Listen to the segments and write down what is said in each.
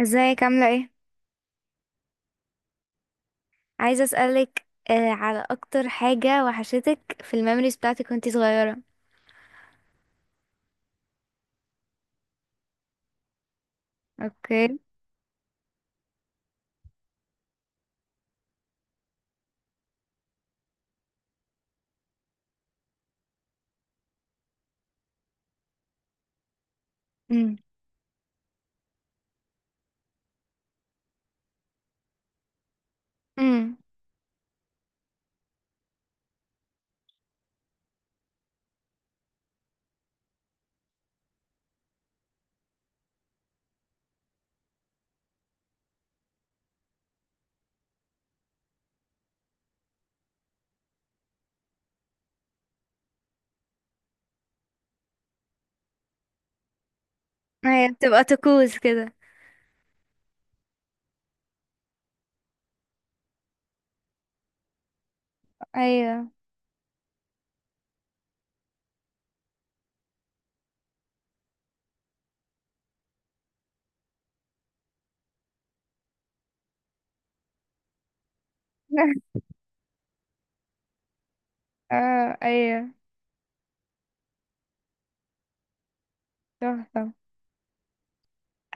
ازيك عاملة ايه؟ عايزة اسألك على اكتر حاجة وحشتك في الميموريز بتاعتك وانتي صغيرة. اوكي. امم. امم. ايوه، بتبقى طقوس كده. ايوه. اه، ايوه. تحفة.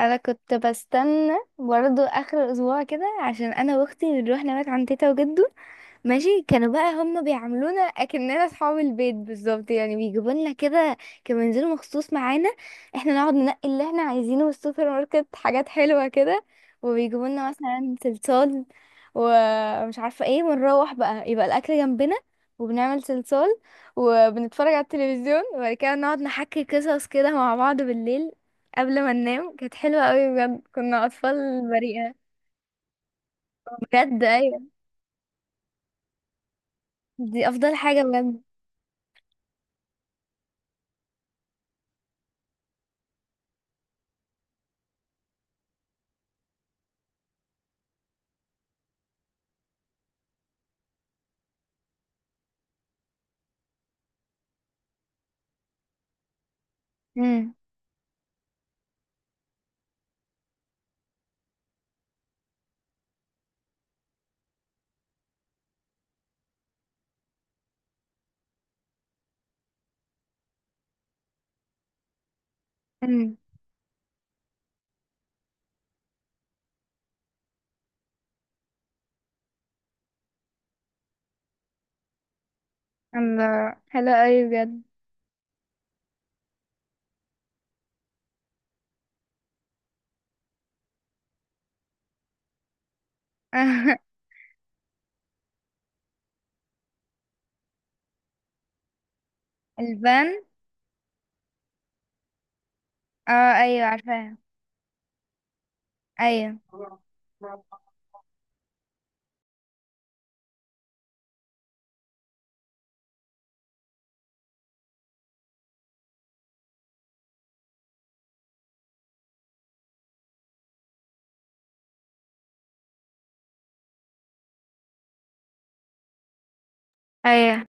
انا كنت بستنى برضه اخر الاسبوع كده عشان انا واختي بنروح نبات عند تيتا وجدو. ماشي، كانوا بقى هم بيعاملونا اكننا اصحاب البيت بالظبط، يعني بيجيبوا لنا كده. كانوا ينزلوا مخصوص معانا. احنا نقعد ننقي اللي احنا عايزينه من السوبر ماركت، حاجات حلوة كده. وبيجيبوا لنا مثلا صلصال ومش عارفة ايه، ونروح بقى يبقى الاكل جنبنا. وبنعمل صلصال وبنتفرج على التلفزيون، وبعد كده نقعد نحكي قصص كده مع بعض بالليل قبل ما ننام. كانت حلوة قوي بجد، كنا اطفال بريئة. بجد ايوه. دي افضل حاجة بجد. مم. مم. الله، حلو قوي بجد. البان. اه ايوه، عارفاها. ايوه. ايوه.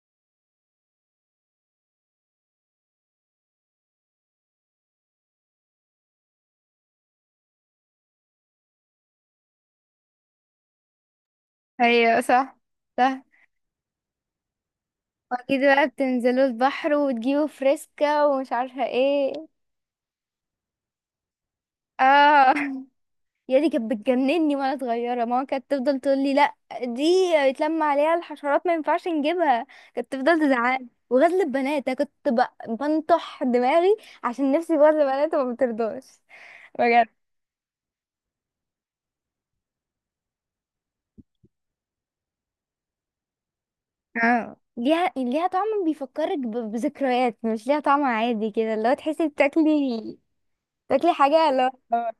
ايوه صح. صح. واكيد بقى بتنزلوا البحر وتجيبوا فريسكا ومش عارفه ايه. اه. يا دي كانت بتجنني وانا صغيره، ماما كانت تفضل تقول لي لا. دي يتلم عليها الحشرات ما ينفعش نجيبها. كانت تفضل تزعل. وغزل البنات انا كنت بنطح دماغي عشان نفسي في غزل البنات وما بترضاش. بجد. اه، ليها طعم بيفكرك بذكريات، مش ليها طعم عادي كده اللي هو تحسي بتاكلي. تاكلي حاجة، اللي هو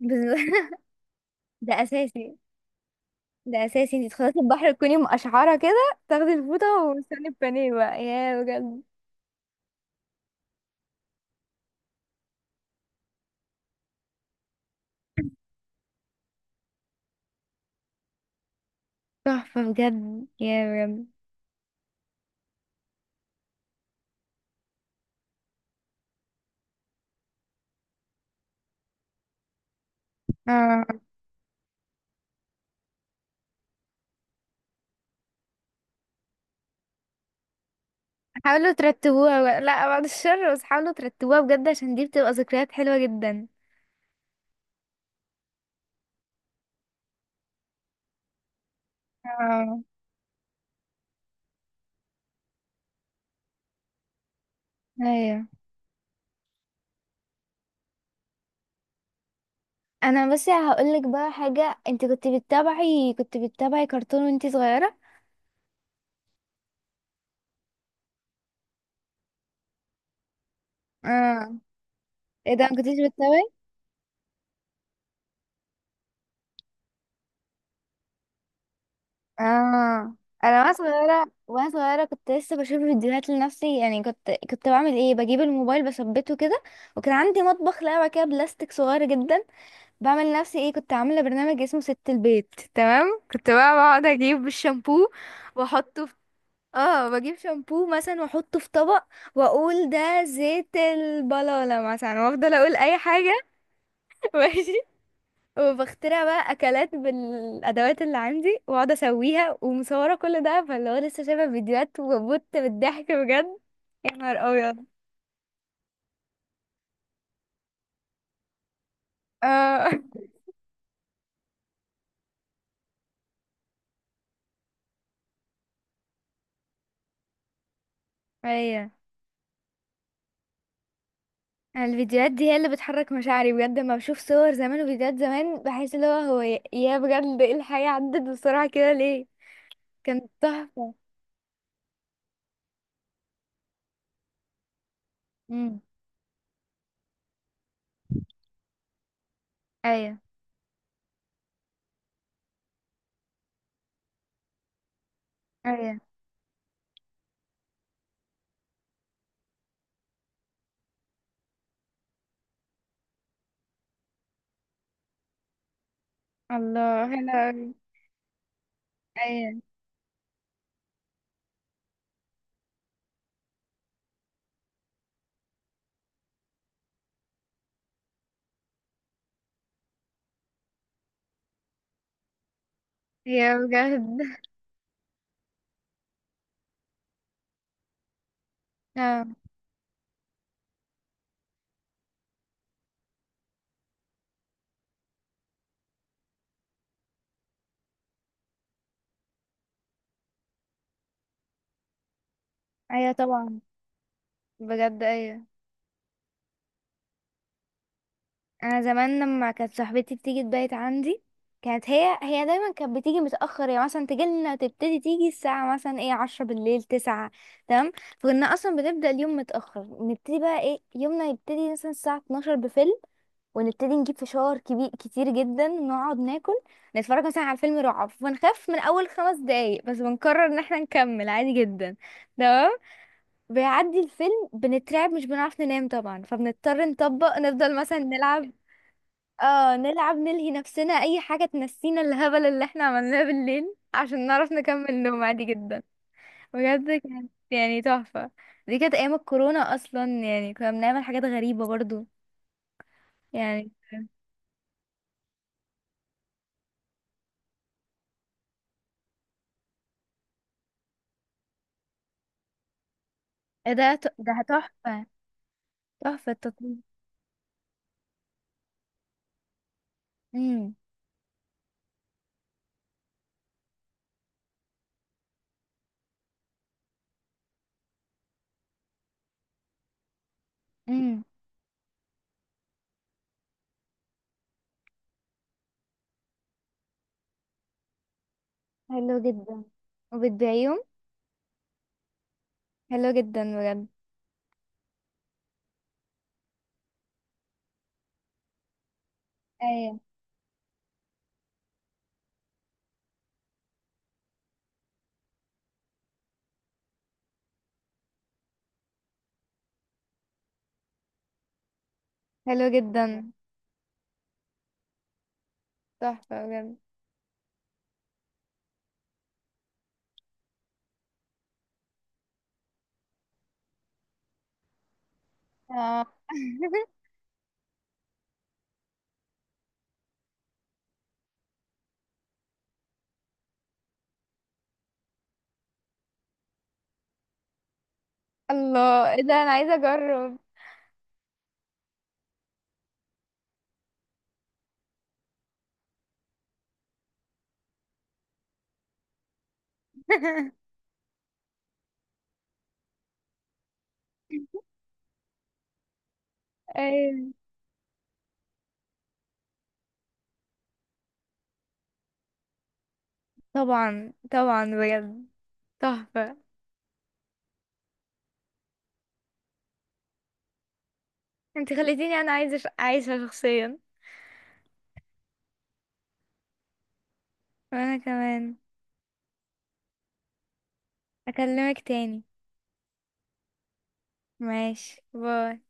بز- ده أساسي. ده أساسي، انتي تخلصي البحر تكوني مقشعرة كده تاخدي الفوطة وتستني البانيه بقى، يا بجد. تحفة بجد، يا بجد، اه. حاولوا ترتبوها بقى. لا، بعد الشر، بس حاولوا ترتبوها بجد عشان دي بتبقى ذكريات حلوة جدا. اه ايوه. انا بس هقولك بقى حاجة، انت كنت بتتابعي كرتون وانت صغيرة. اه، ايه ده ما كنتيش بتسوي؟ اه، انا وانا صغيره كنت لسه بشوف فيديوهات لنفسي، يعني كنت بعمل ايه، بجيب الموبايل بثبته كده. وكان عندي مطبخ لعبه كده بلاستيك صغير جدا. بعمل لنفسي ايه، كنت عامله برنامج اسمه ست البيت، تمام. كنت بقى بقعد اجيب الشامبو واحطه في، اه، بجيب شامبو مثلا واحطه في طبق واقول ده زيت البلالة مثلا، وافضل اقول اي حاجه. وبخترع بقى اكلات بالادوات اللي عندي واقعد اسويها ومصوره كل ده، فاللي هو لسه شايفه فيديوهات وبت بالضحك بجد. يا نهار ابيض. اه. ايوه. الفيديوهات دي هي اللي بتحرك مشاعري بجد. لما بشوف صور زمان وفيديوهات زمان بحس اللي هو هو، يا بجد، ايه الحياه عدت بسرعه كده ليه. كانت تحفه. امم. ايوه. ايوه. الله حلو أوي. ايوه. هي بجد. اه ايوه. طبعا بجد. ايوه. انا زمان لما كانت صاحبتي بتيجي تبيت عندي، كانت هي دايما كانت بتيجي متاخر، يعني مثلا تجي لنا تبتدي تيجي الساعه مثلا ايه عشرة بالليل، تسعة. تمام. فكنا اصلا بنبدا اليوم متاخر، نبتدي بقى ايه يومنا يبتدي مثلا الساعه 12 بفيلم. ونبتدي نجيب فشار كبير كتير جدا نقعد ناكل. نتفرج مثلا على فيلم رعب ونخاف من اول خمس دقايق، بس بنقرر ان احنا نكمل عادي جدا. تمام. بيعدي الفيلم بنترعب مش بنعرف ننام طبعا، فبنضطر نطبق نفضل مثلا نلعب. اه، نلعب نلهي نفسنا اي حاجة تنسينا الهبل اللي احنا عملناه بالليل عشان نعرف نكمل نوم عادي جدا. بجد كانت يعني تحفة. دي كانت ايام الكورونا اصلا، يعني كنا بنعمل حاجات غريبة برضو يعني. إيه ده، ده تحفة. تحفة التطبيق. امم. امم. حلو جدا. وبتضايقهم. حلو جدا بجد. ايوه. حلو جدا. تحفة بجد. اه. الله ايه ده، انا عايزة اجرب. ايوه طبعا. طبعا بجد. تحفة. انت خليتيني انا عايزة عايشة شخصيا. وانا كمان. اكلمك تاني. ماشي، باي.